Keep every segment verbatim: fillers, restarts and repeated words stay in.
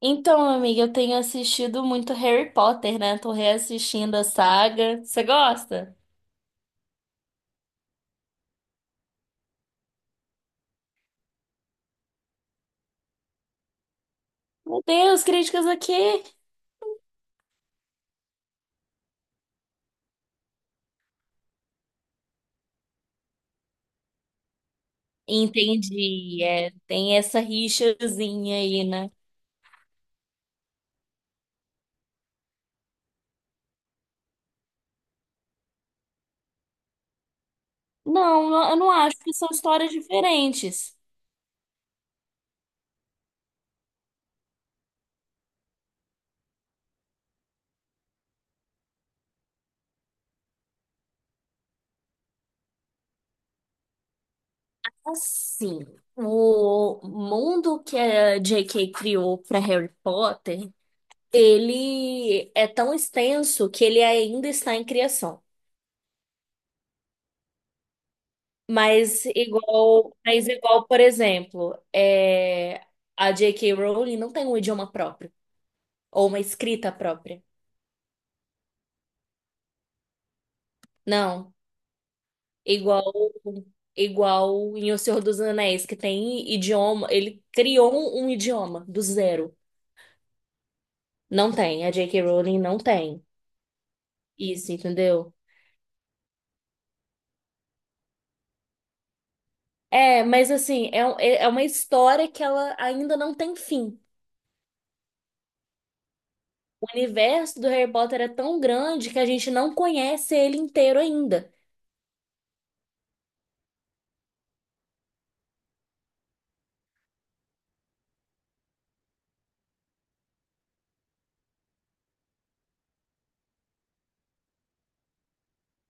Então, amiga, eu tenho assistido muito Harry Potter, né? Tô reassistindo a saga. Você gosta? Meu Deus, críticas aqui. Entendi, é, tem essa rixazinha aí, né? Não, não- eu não acho que são histórias diferentes. Assim, o mundo que a jota ká criou para Harry Potter, ele é tão extenso que ele ainda está em criação. Mas igual, mas igual, por exemplo, é, a jota ká. Rowling não tem um idioma próprio ou uma escrita própria. Não. Igual, igual em O Senhor dos Anéis, que tem idioma, ele criou um, um idioma do zero. Não tem, a jota ká. Rowling não tem. Isso, entendeu? É, mas assim, é, um- é é uma história que ela ainda não tem fim. O universo do Harry Potter é tão grande que a gente não conhece ele inteiro ainda.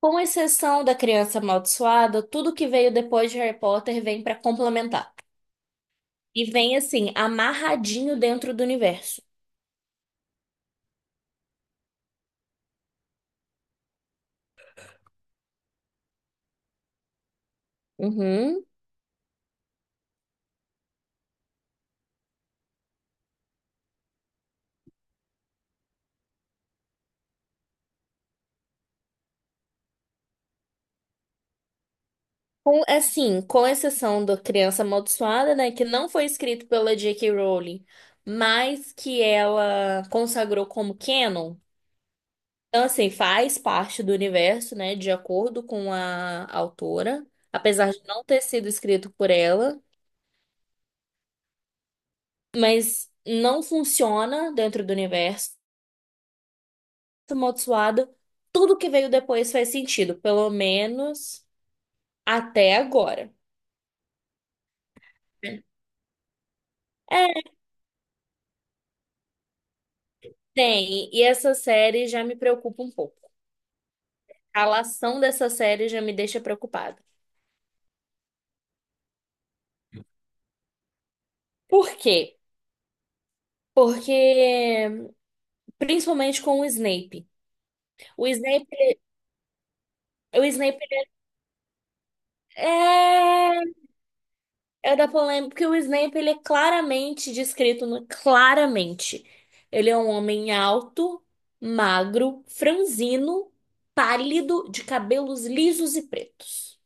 Com exceção da Criança Amaldiçoada, tudo que veio depois de Harry Potter vem pra complementar. E vem assim, amarradinho dentro do universo. Uhum. Com, assim, com exceção da Criança Amaldiçoada, né, que não foi escrito pela jota ká. Rowling, mas que ela consagrou como canon. Então, assim, faz parte do universo, né, de acordo com a autora, apesar de não ter sido escrito por ela, mas não funciona dentro do universo. Amaldiçoada. Tudo que veio depois faz sentido, pelo menos até agora. É, tem. E essa série já me preocupa um pouco. A lação dessa série já me deixa preocupada. Por quê? Porque, principalmente com o Snape. O Snape, o Snape, é... É da polêmica, porque o Snape, ele é claramente descrito, no- claramente. Ele é um homem alto, magro, franzino, pálido, de cabelos lisos e pretos.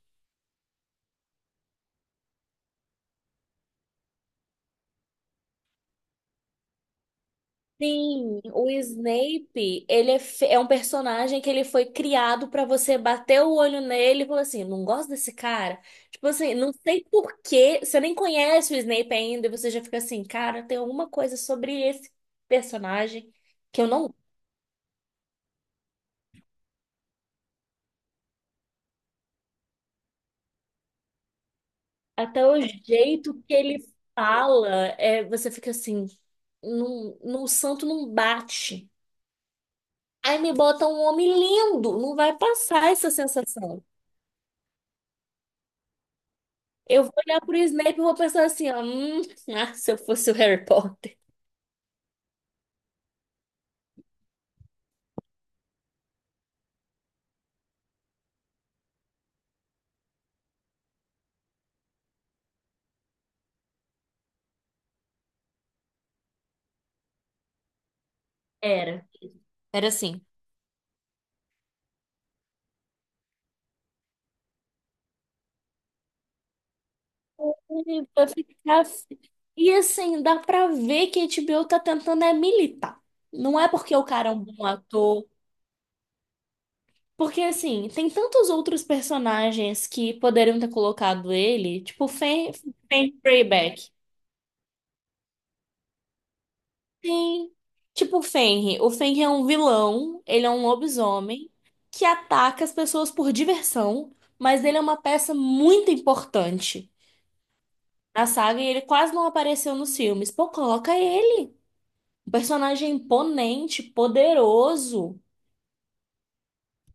Sim, o Snape, ele é, fe- é um personagem que ele foi criado pra você bater o olho nele e falar assim, não gosto desse cara. Tipo assim, não sei por quê, você nem conhece o Snape ainda e você já fica assim, cara, tem alguma coisa sobre esse personagem que eu não. Até o jeito que ele fala, é, você fica assim, num, num santo não bate. Aí me bota um homem lindo, não vai passar essa sensação. Eu vou olhar pro Snape e vou pensar assim, ó, hum, ah, se eu fosse o Harry Potter. Era. Era assim. E vai ficar... assim. E assim, dá pra ver que a agá bê ó tá tentando é militar. Não é porque o cara é um bom ator. Porque, assim, tem tantos outros personagens que poderiam ter colocado ele, tipo Fen Fen Freyback. Sim. Tipo o Fenrir. O Fenrir é um vilão, ele é um lobisomem que ataca as pessoas por diversão, mas ele é uma peça muito importante na saga e ele quase não apareceu nos filmes. Pô, coloca ele. Um personagem imponente, poderoso.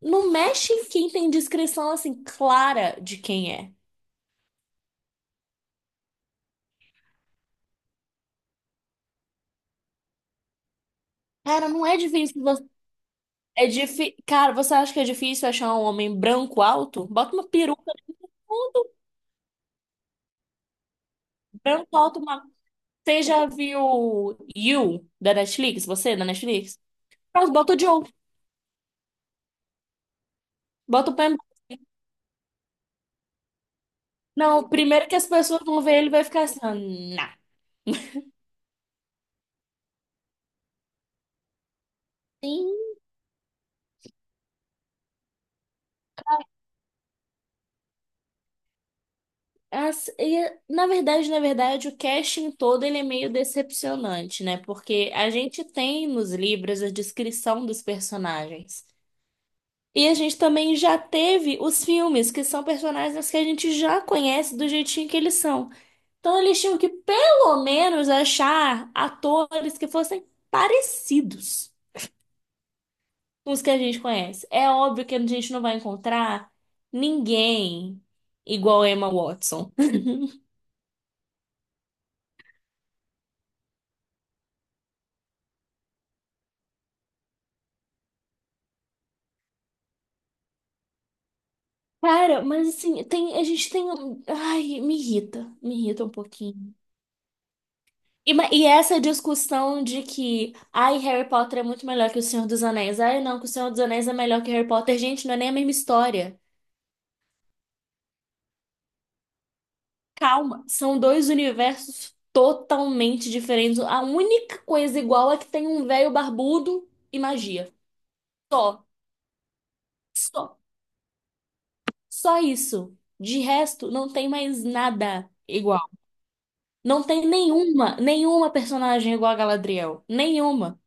Não mexe em quem tem descrição, assim, clara de quem é. Cara, não é difícil. É difícil. Cara, você acha que é difícil achar um homem branco alto? Bota uma peruca, tipo, branco alto, uma. Você já viu You da Netflix? Você da Netflix? Pronto, bota o Joe. Bota o Pam. Não, primeiro que as pessoas vão ver ele vai ficar assim, ó, nah. Sim, as- e, na verdade, na verdade, o casting todo ele é meio decepcionante, né? Porque a gente tem nos livros a descrição dos personagens. E a gente também já teve os filmes, que são personagens que a gente já conhece do jeitinho que eles são. Então eles tinham que, pelo menos, achar atores que fossem parecidos com os que a gente conhece. É óbvio que a gente não vai encontrar ninguém igual a Emma Watson. Cara, mas assim, tem, a gente tem. um- Ai, me irrita. Me irrita um pouquinho. E, ma- e essa discussão de que, ai, Harry Potter é muito melhor que O Senhor dos Anéis, ai, não, que O Senhor dos Anéis é melhor que Harry Potter, gente, não é nem a mesma história. Calma, são dois universos totalmente diferentes. A única coisa igual é que tem um velho barbudo e magia. Só, só, só isso. De resto, não tem mais nada igual. Não tem nenhuma, nenhuma personagem igual a Galadriel. Nenhuma.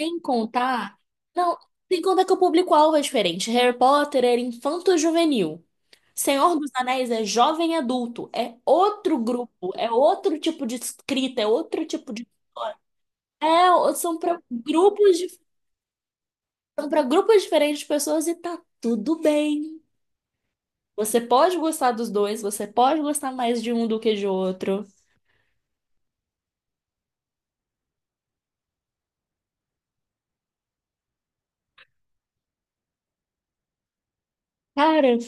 Sem contar. Não, sem contar que o público-alvo é diferente. Harry Potter era infanto-juvenil. Senhor dos Anéis é jovem adulto. É outro grupo, é outro tipo de escrita, é outro tipo de. É, são para grupos, dif- são para grupos diferentes de pessoas e tá tudo bem. Você pode gostar dos dois, você pode gostar mais de um do que de outro. Cara,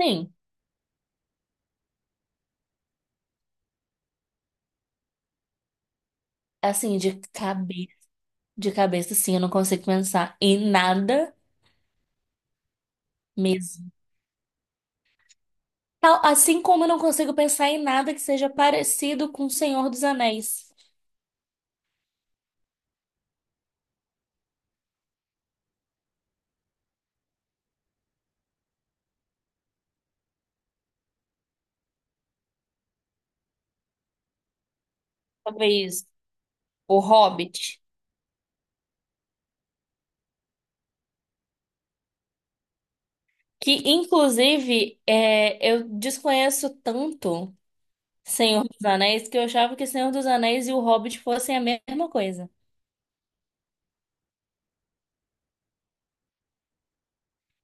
sim, assim, de cabeça, de cabeça, sim, eu não consigo pensar em nada mesmo. Tal- Assim como eu não consigo pensar em nada que seja parecido com O Senhor dos Anéis. Talvez O Hobbit. Que, inclusive, é, eu desconheço tanto Senhor dos Anéis que eu achava que Senhor dos Anéis e O Hobbit fossem a mesma coisa.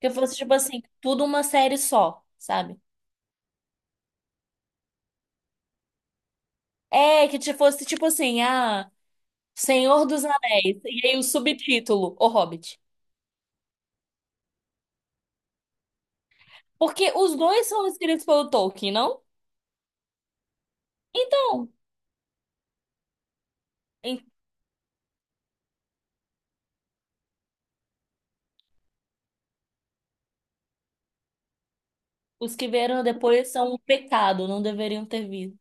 Que fosse, tipo assim, tudo uma série só, sabe? É, que te- fosse, tipo assim, ah, Senhor dos Anéis. E aí o subtítulo, O Hobbit. Porque os dois são escritos pelo Tolkien, não? Então. Os que vieram depois são um pecado, não deveriam ter vindo.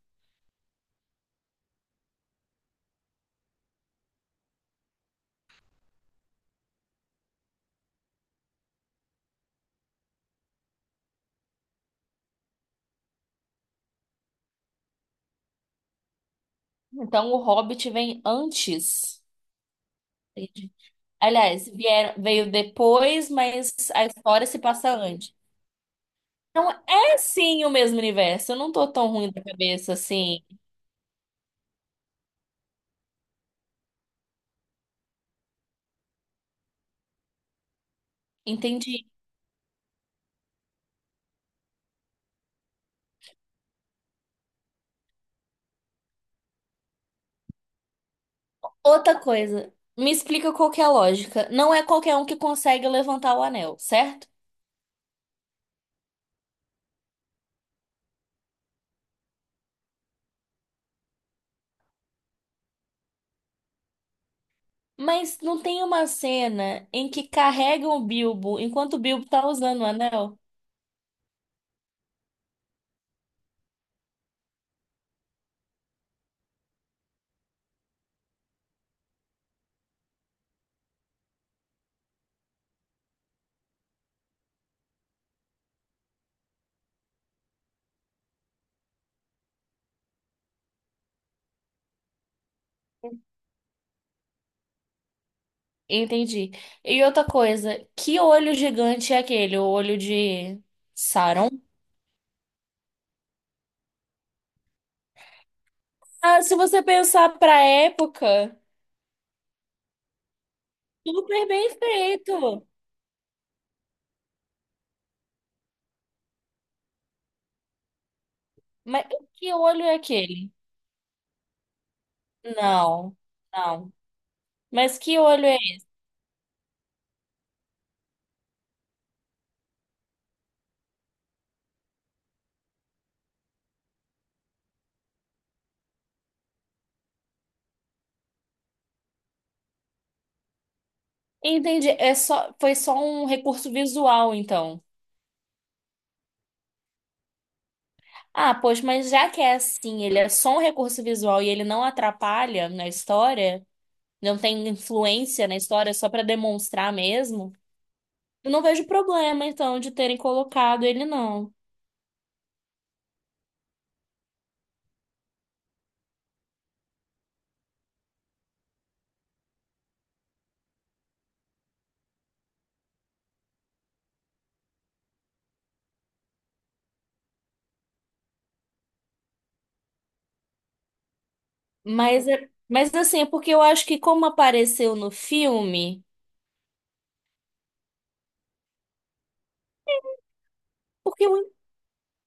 Então o Hobbit vem antes. Entendi. Aliás, vieram, veio depois, mas a história se passa antes. Então é sim o mesmo universo. Eu não tô tão ruim da cabeça assim. Entendi. Outra coisa, me explica qual que é a lógica. Não é qualquer um que consegue levantar o anel, certo? Mas não tem uma cena em que carregam o Bilbo enquanto o Bilbo tá usando o anel? Entendi. E outra coisa, que olho gigante é aquele? O olho de Sauron? Ah, se você pensar pra época, super bem feito. Mas que olho é aquele? Não, não. Mas que olho é? Entendi. É só, foi só um recurso visual, então. Ah, poxa, mas já que é assim, ele é só um recurso visual e ele não atrapalha na história, não tem influência na história, é só pra demonstrar mesmo. Eu não vejo problema, então, de terem colocado ele, não. Mas, é- mas assim, é porque eu acho que como apareceu no filme, porque mu-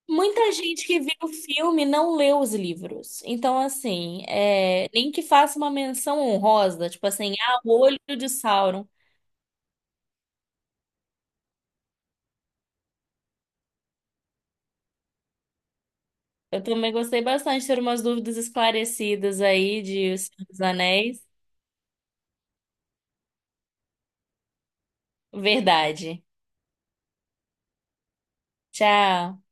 muita gente que viu o filme não leu os livros. Então, assim, é, nem que faça uma menção honrosa, tipo assim, ah, o olho de Sauron. Eu também gostei bastante de ter umas dúvidas esclarecidas aí de O Senhor dos Anéis. Verdade. Tchau.